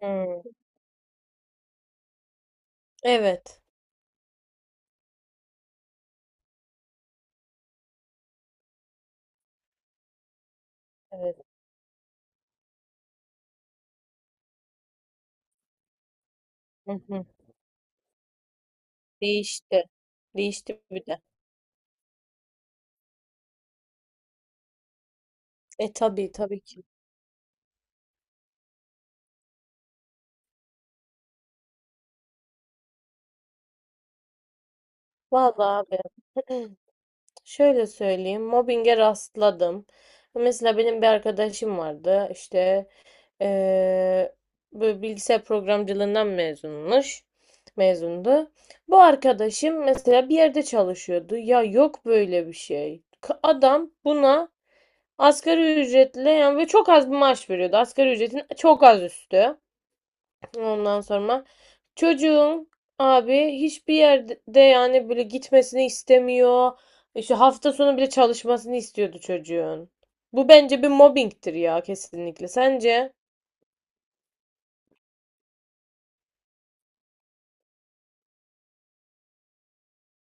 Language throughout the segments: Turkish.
Hmm. Evet. Evet. Hı hı. Değişti. Değişti bir de. E, tabii tabii ki. Vallahi abi. Şöyle söyleyeyim. Mobbinge rastladım. Mesela benim bir arkadaşım vardı. İşte eee böyle bilgisayar programcılığından mezunmuş. Mezundu. Bu arkadaşım mesela bir yerde çalışıyordu. Ya, yok böyle bir şey. Adam buna asgari ücretle yani ve çok az bir maaş veriyordu. Asgari ücretin çok az üstü. Ondan sonra çocuğum abi hiçbir yerde yani böyle gitmesini istemiyor. İşte hafta sonu bile çalışmasını istiyordu çocuğun. Bu bence bir mobbingtir ya, kesinlikle. Sence?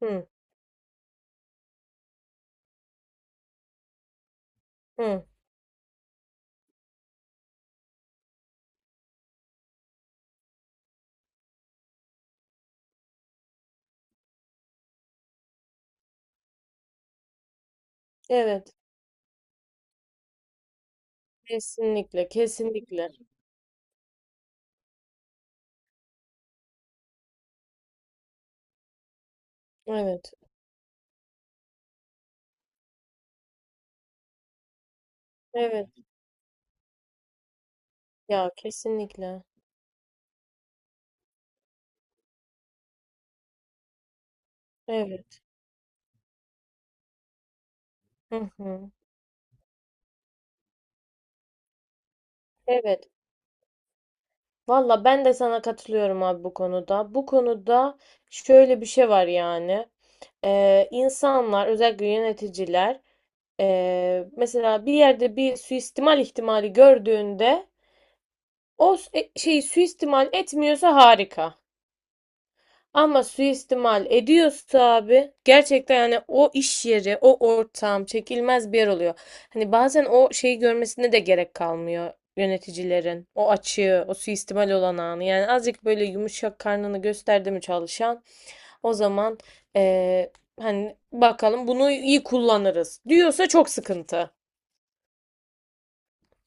Hı hı. Evet. Kesinlikle, kesinlikle. Evet. Evet. Ya kesinlikle. Evet. Hı hı. Evet. Valla ben de sana katılıyorum abi bu konuda. Bu konuda şöyle bir şey var yani. İnsanlar özellikle yöneticiler, mesela bir yerde bir suistimal ihtimali gördüğünde o şeyi suistimal etmiyorsa harika. Ama suistimal ediyorsa abi gerçekten yani o iş yeri, o ortam çekilmez bir yer oluyor. Hani bazen o şeyi görmesine de gerek kalmıyor yöneticilerin. O açığı, o suistimal olan anı. Yani azıcık böyle yumuşak karnını gösterdi mi çalışan, o zaman eee, hani bakalım bunu iyi kullanırız diyorsa çok sıkıntı.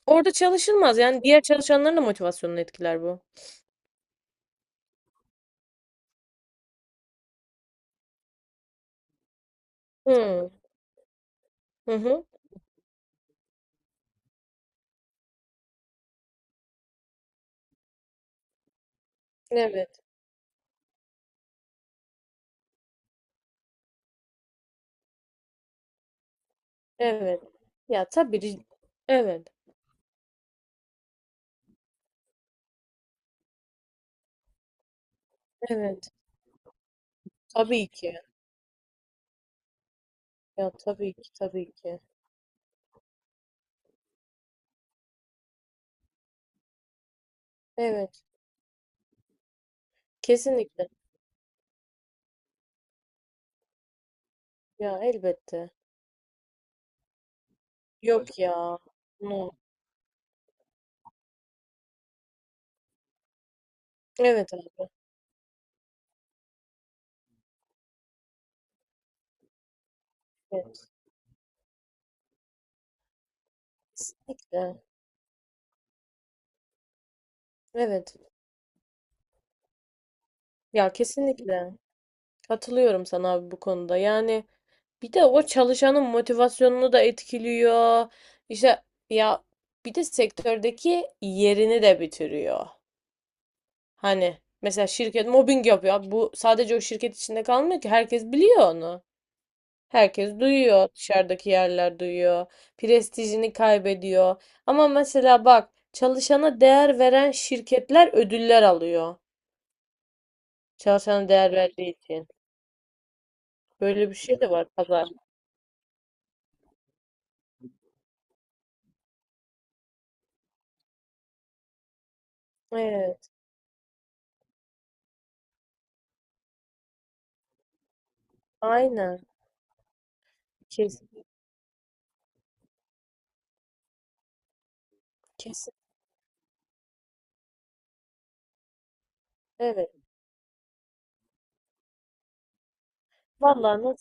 Orada çalışılmaz. Yani diğer çalışanların da motivasyonunu etkiler bu. Hı. Hı hı. Evet. Evet. Ya tabii. Evet. Evet. Tabii ki. Ya tabii ki. Tabii ki. Evet. Kesinlikle. Ya elbette. Yok ya. No. Evet abi. Evet. Kesinlikle. Evet. Ya kesinlikle. Katılıyorum sana abi bu konuda. Yani bir de o çalışanın motivasyonunu da etkiliyor. İşte, ya, bir de sektördeki yerini de bitiriyor. Hani mesela şirket mobbing yapıyor. Abi, bu sadece o şirket içinde kalmıyor ki. Herkes biliyor onu. Herkes duyuyor. Dışarıdaki yerler duyuyor. Prestijini kaybediyor. Ama mesela bak, çalışana değer veren şirketler ödüller alıyor. Çalışana değer verdiği için. Böyle bir şey de var pazar. Evet. Aynen. Kesin. Kesin. Evet. Vallahi.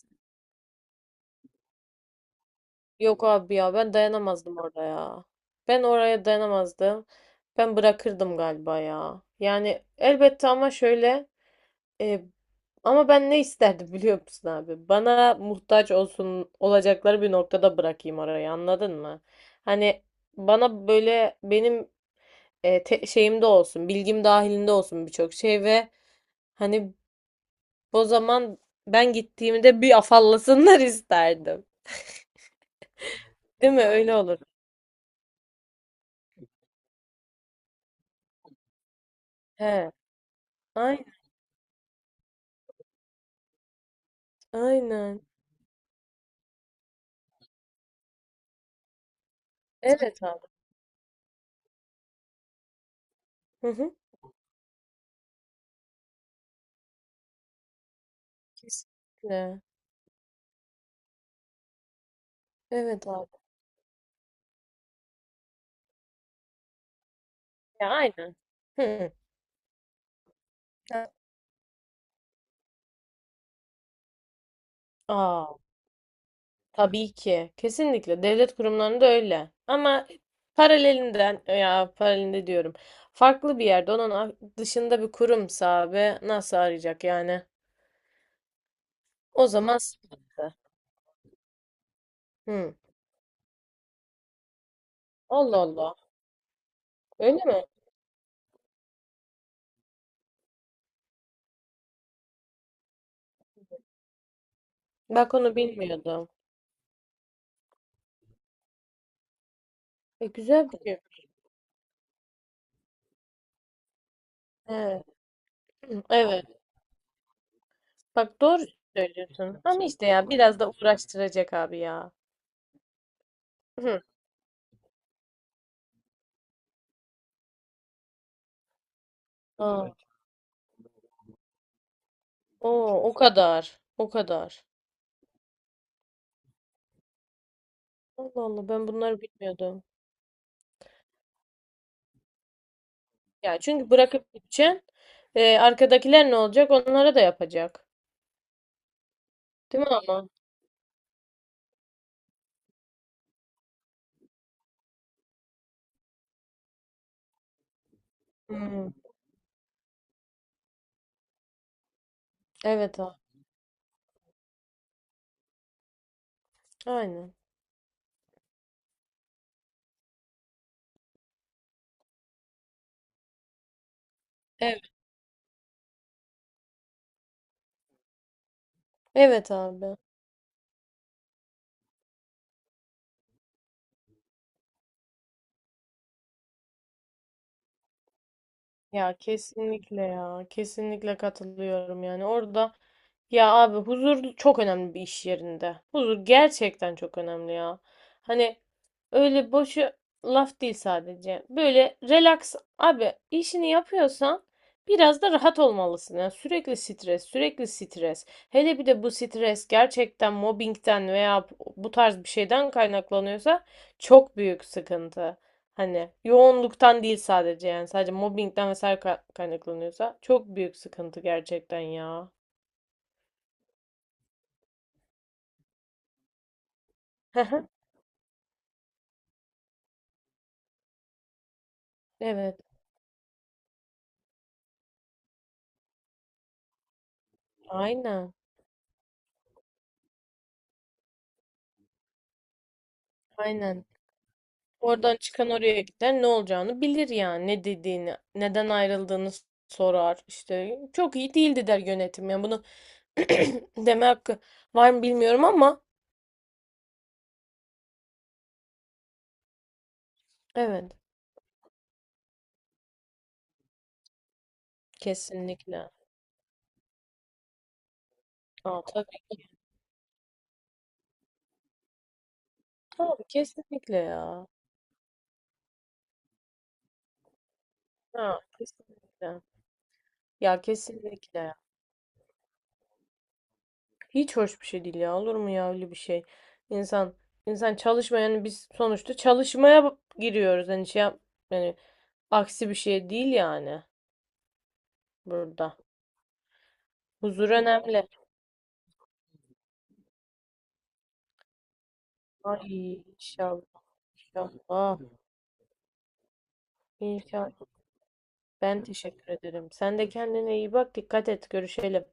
Yok abi ya, ben dayanamazdım orada ya. Ben oraya dayanamazdım. Ben bırakırdım galiba ya. Yani elbette, ama şöyle e, ama ben ne isterdim biliyor musun abi? Bana muhtaç olsun, olacakları bir noktada bırakayım orayı, anladın mı? Hani bana böyle benim şeyimde olsun, bilgim dahilinde olsun birçok şey ve hani o zaman ben gittiğimde bir afallasınlar isterdim. Değil mi? Öyle. Yani olur. He. Ay- Aynen. Evet abi. Hı hı. Kesinlikle. Evet abi. Ya aynen. Hı. Ha. Aa, tabii ki. Kesinlikle. Devlet kurumlarında öyle. Ama paralelinden, ya, paralelinde diyorum. Farklı bir yerde onun dışında bir kurumsa abi nasıl arayacak yani? O zaman sıkıntı. Hı. Allah Allah. Öyle mi? Bak, onu bilmiyordum. E, güzel bir şey. Evet. Evet. Bak, doğru söylüyorsun. Ama işte ya, biraz da uğraştıracak abi ya. Hı. Aa. Oo, o kadar. O kadar. Allah Allah, ben bunları bilmiyordum. Ya, çünkü bırakıp gideceksin. Arkadakiler ne olacak? Onlara da yapacak. Değil mi ama? Hmm. Evet abi. Aynen. Evet. Evet abi. Ya kesinlikle ya. Kesinlikle katılıyorum yani. Orada, ya abi, huzur çok önemli bir iş yerinde. Huzur gerçekten çok önemli ya. Hani öyle boşu laf değil sadece. Böyle relax abi, işini yapıyorsan biraz da rahat olmalısın. Yani sürekli stres, sürekli stres. Hele bir de bu stres gerçekten mobbingden veya bu tarz bir şeyden kaynaklanıyorsa çok büyük sıkıntı. Hani yoğunluktan değil sadece, yani sadece mobbingden vesaire kaynaklanıyorsa çok büyük sıkıntı gerçekten ya. Hı hı. Evet. Aynen. Aynen. Oradan çıkan oraya gider, ne olacağını bilir yani, ne dediğini, neden ayrıldığını sorar. İşte çok iyi değildi der yönetim. Yani bunu deme hakkı var mı bilmiyorum ama, evet, kesinlikle. Aa, tabii. Tabii, kesinlikle ya. Ha, kesinlikle. Ya kesinlikle. Hiç hoş bir şey değil ya. Olur mu ya öyle bir şey? İnsan insan çalışma, yani biz sonuçta çalışmaya giriyoruz. Hani şey yap, yani aksi bir şey değil yani burada. Huzur önemli. Ay, inşallah, inşallah. İnşallah. Ben teşekkür ederim. Sen de kendine iyi bak. Dikkat et. Görüşelim.